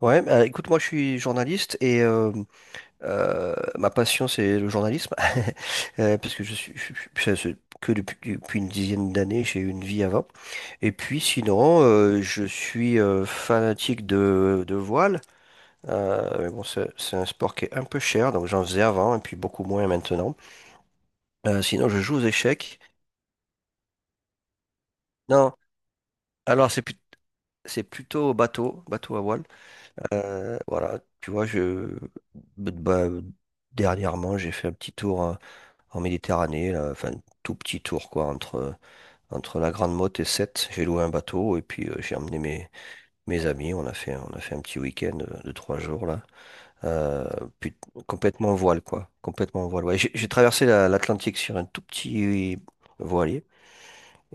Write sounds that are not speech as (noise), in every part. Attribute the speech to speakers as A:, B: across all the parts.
A: Ouais, bah, écoute, moi je suis journaliste et ma passion c'est le journalisme. (laughs) Parce que je suis, c'est que depuis une dizaine d'années j'ai eu une vie avant. Et puis sinon, je suis fanatique de voile. Mais bon, c'est un sport qui est un peu cher, donc j'en faisais avant et puis beaucoup moins maintenant. Sinon, je joue aux échecs. Non, alors c'est plutôt au bateau, bateau à voile. Voilà, tu vois, bah, dernièrement, j'ai fait un petit tour hein, en Méditerranée, là. Enfin, un tout petit tour, quoi, entre, la Grande Motte et Sète. J'ai loué un bateau et puis j'ai emmené mes amis. On a fait un petit week-end de 3 jours, là. Euh, puis, complètement en voile, quoi. Complètement en voile. Ouais, j'ai traversé l'Atlantique sur un tout petit voilier.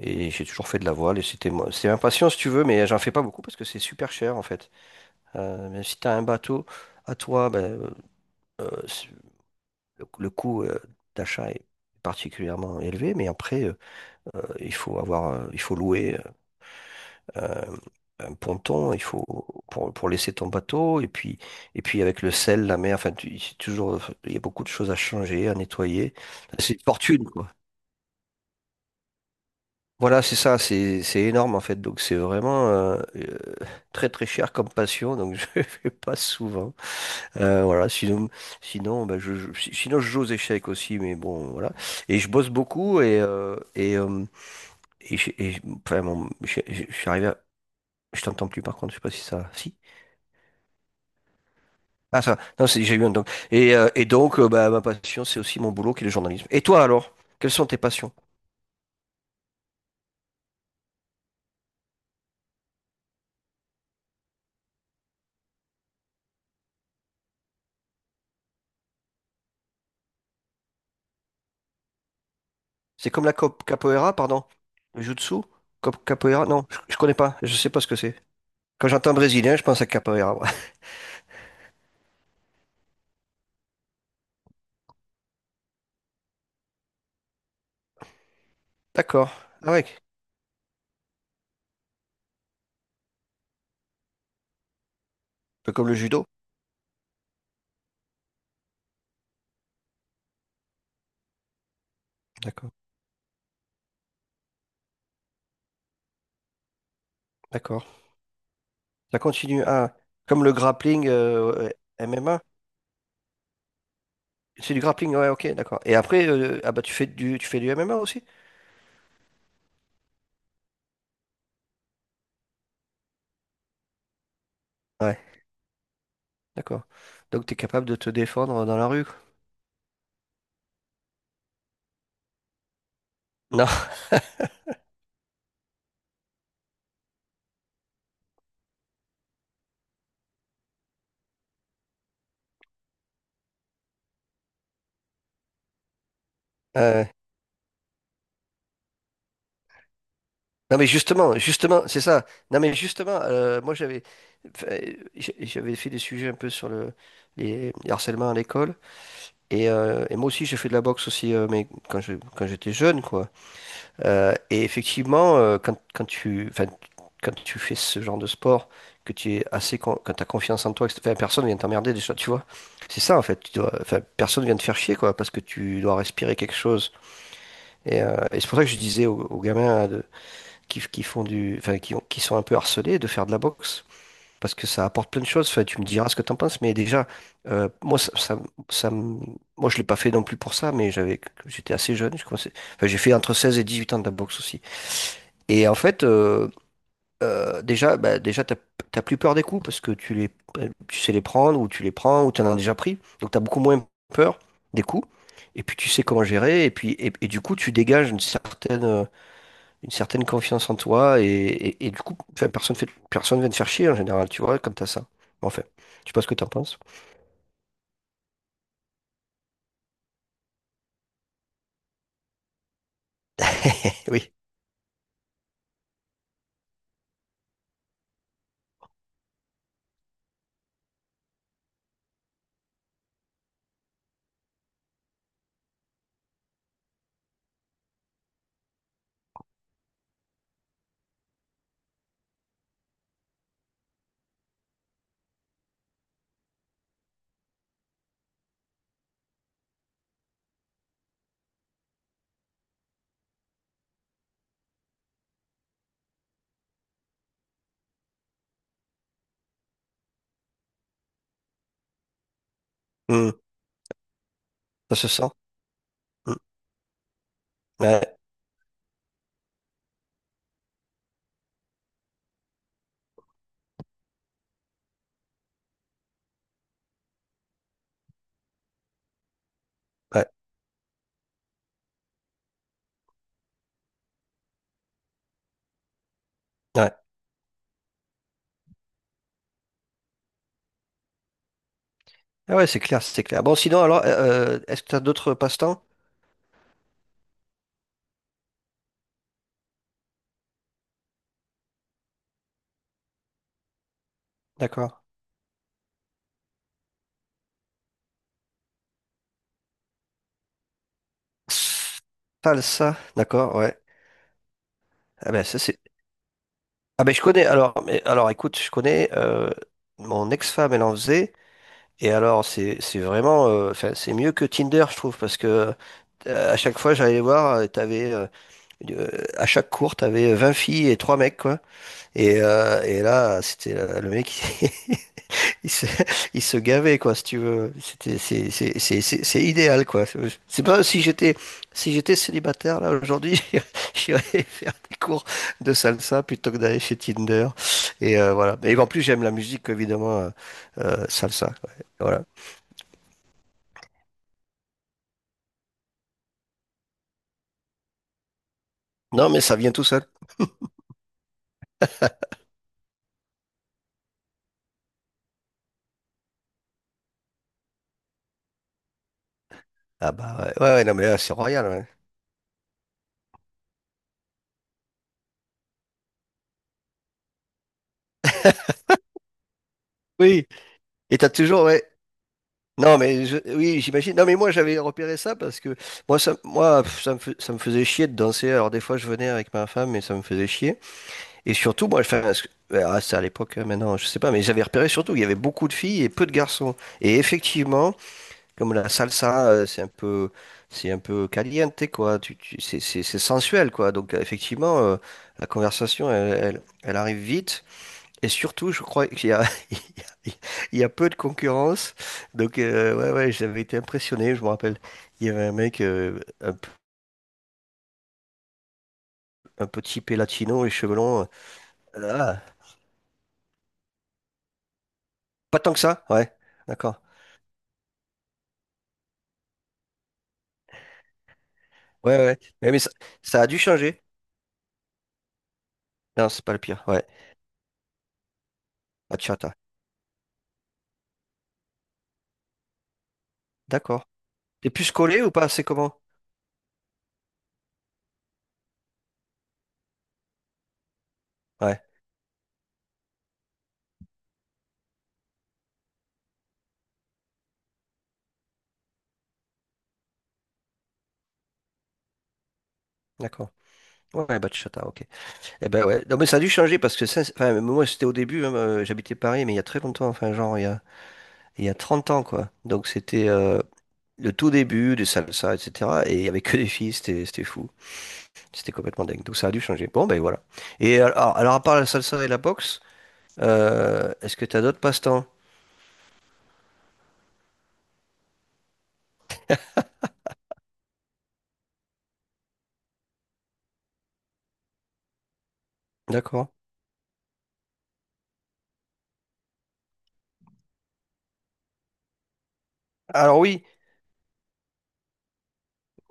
A: Et j'ai toujours fait de la voile et c'était moi, c'est ma passion si tu veux, mais j'en fais pas beaucoup parce que c'est super cher en fait. Mais si tu as un bateau à toi, ben, euh, c'est- le coût d'achat est particulièrement élevé, mais après, il faut avoir, il faut louer euh, un ponton, il faut pour laisser ton bateau, et puis avec le sel, la mer, enfin, c'est toujours, il y a beaucoup de choses à changer, à nettoyer. C'est une fortune, quoi. Voilà, c'est ça, c'est énorme en fait. Donc c'est vraiment très très cher comme passion, donc (laughs) je ne fais pas souvent. Voilà, sinon bah, sinon je joue aux échecs aussi, mais bon voilà. Et je bosse beaucoup enfin bon, je suis arrivé à... Je t'entends plus par contre, je sais pas si ça. Si? Ah ça, non, j'ai eu un donc. Et donc bah, ma passion, c'est aussi mon boulot qui est le journalisme. Et toi alors, quelles sont tes passions? C'est comme la capoeira, pardon. Le Jutsu? Capoeira? Non, je connais pas. Je sais pas ce que c'est. Quand j'entends brésilien, je pense à capoeira. Ouais. (laughs) D'accord. Ah ouais, un peu comme le judo. D'accord. D'accord. Ça continue. Ah, comme le grappling MMA. C'est du grappling, ouais, ok, d'accord. Et après, ah bah tu fais du MMA aussi? Ouais, d'accord. Donc tu es capable de te défendre dans la rue, quoi. Non. (laughs) Euh, Non mais justement, justement, c'est ça. Non mais justement, moi j'avais enfin, j'avais fait des sujets un peu sur le les harcèlements à l'école, et moi aussi j'ai fait de la boxe aussi mais quand j'étais jeune quoi. Et effectivement quand tu, enfin, quand tu fais ce genre de sport, que tu es assez quand t'as confiance en toi, que, enfin, personne vient t'emmerder déjà, tu vois. C'est ça en fait, tu dois, enfin, personne vient te faire chier, quoi, parce que tu dois respirer quelque chose, et c'est pour ça que je disais aux gamins qui font du, enfin, qui sont un peu harcelés de faire de la boxe. Parce que ça apporte plein de choses. Enfin, tu me diras ce que t'en penses, mais déjà, moi, ça me- moi, je l'ai pas fait non plus pour ça, mais j'étais assez jeune. Enfin, j'ai fait entre 16 et 18 ans de la boxe aussi. Et en fait, déjà, bah, déjà, t'as plus peur des coups parce que tu sais les prendre ou tu les prends ou t'en as déjà pris. Donc, t'as beaucoup moins peur des coups. Et puis, tu sais comment gérer. Et puis, du coup, tu dégages une certaine confiance en toi et du coup, enfin, personne vient te faire chier en général, tu vois, comme t'as ça. Bon, enfin, je sais pas ce que t'en penses. Oui. Hmm. Ça se sent. Hmm. Ouais, ouais, ouais. Ah ouais, c'est clair, c'est clair. Bon, sinon, alors, est-ce que t'as d'autres passe-temps? D'accord. Salsa, d'accord, ouais. Ah ben, ça, c'est... Ah ben, je connais, alors, mais, alors écoute, je connais, mon ex-femme, elle en faisait, et alors, c'est vraiment, enfin, c'est mieux que Tinder, je trouve, parce que à chaque fois, j'allais voir, t'avais Euh, à chaque cours, t'avais 20 filles et 3 mecs, quoi. Et là, c'était le mec, il (laughs) il se, il se gavait, quoi, si tu veux. C'est idéal, quoi. C'est pas, si j'étais célibataire, là, aujourd'hui, (laughs) j'irais faire des cours de salsa plutôt que d'aller chez Tinder. Et voilà. Et en plus, j'aime la musique, évidemment, salsa. Ouais. Voilà. Non, mais ça vient tout seul. Ah bah ouais, ouais, ouais, non, mais là, c'est royal, ouais. Oui, et t'as toujours, non, mais oui, j'imagine. Non, mais moi, j'avais repéré ça parce que moi, ça, moi, pff, ça me faisait chier de danser. Alors, des fois, je venais avec ma femme, mais ça me faisait chier. Et surtout, moi, enfin, ouais, ah, c'est à l'époque, hein, maintenant, je sais pas, mais j'avais repéré surtout qu'il y avait beaucoup de filles et peu de garçons. Et effectivement, comme la salsa, c'est un peu, caliente, quoi. C'est sensuel, quoi. Donc, effectivement, la conversation, elle arrive vite. Et surtout, je crois qu'il y a, (laughs) il y a, il y a peu de concurrence. Donc, ouais, ouais, j'avais été impressionné, je me rappelle. Il y avait un mec un peu typé latino et cheveux longs. Ah, pas tant que ça, ouais. D'accord. Ouais, ouais. Mais ça, ça a dû changer. Non, c'est pas le pire. Ouais. Bachata. D'accord. T'es plus collé ou pas? C'est comment? Ouais, d'accord. Ouais, bachata, ok. Eh ben ouais. Non, mais ça a dû changer parce que ça, enfin, moi, c'était au début, hein, j'habitais Paris, mais il y a très longtemps, enfin, genre, il y a 30 ans, quoi. Donc, c'était le tout début des salsa, etc. Et il n'y avait que des filles, c'était fou. C'était complètement dingue. Donc ça a dû changer. Bon, ben voilà. Et alors à part la salsa et la boxe, est-ce que tu as d'autres passe-temps? D'accord. Alors oui,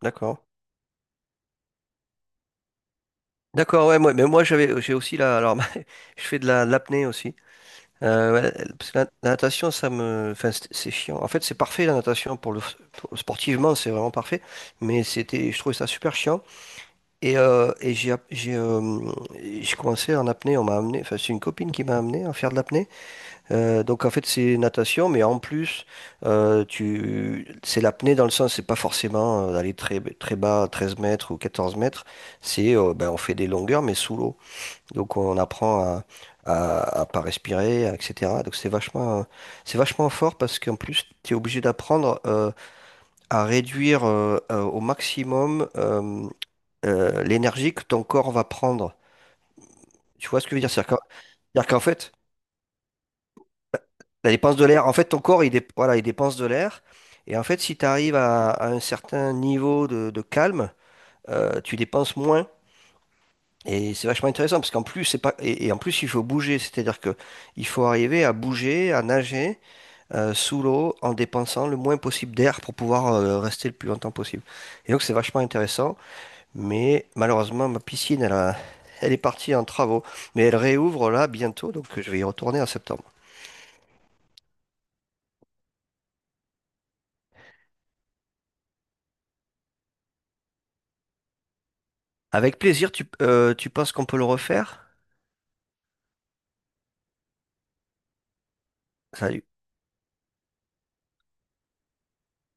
A: d'accord. D'accord, ouais, moi, mais moi j'ai aussi la alors (laughs) je fais de l'apnée aussi. Ouais, parce que la natation, ça me enfin, c'est chiant. En fait, c'est parfait la natation pour le, sportivement, c'est vraiment parfait, mais c'était je trouvais ça super chiant. Et, euh, et j'ai, app- j'ai, euh, j'ai commencé en apnée, on m'a amené, enfin, c'est une copine qui m'a amené à faire de l'apnée. Donc en fait c'est natation, mais en plus c'est l'apnée dans le sens, c'est pas forcément d'aller très, très bas, 13 mètres ou 14 mètres, c'est, ben, on fait des longueurs mais sous l'eau. Donc on apprend à pas respirer, etc. Donc c'est vachement, fort parce qu'en plus tu es obligé d'apprendre à réduire au maximum, l'énergie que ton corps va prendre. Tu vois ce que je veux dire? C'est-à-dire qu'en fait, la dépense de l'air, en fait, ton corps, voilà, il dépense de l'air. Et en fait, si tu arrives à un certain niveau de calme, tu dépenses moins. Et c'est vachement intéressant parce qu'en plus, c'est pas, et en plus, il faut bouger. C'est-à-dire que il faut arriver à bouger, à nager, sous l'eau en dépensant le moins possible d'air pour pouvoir rester le plus longtemps possible. Et donc, c'est vachement intéressant. Mais malheureusement, ma piscine, elle est partie en travaux. Mais elle réouvre là bientôt, donc je vais y retourner en septembre. Avec plaisir, tu penses qu'on peut le refaire? Ça-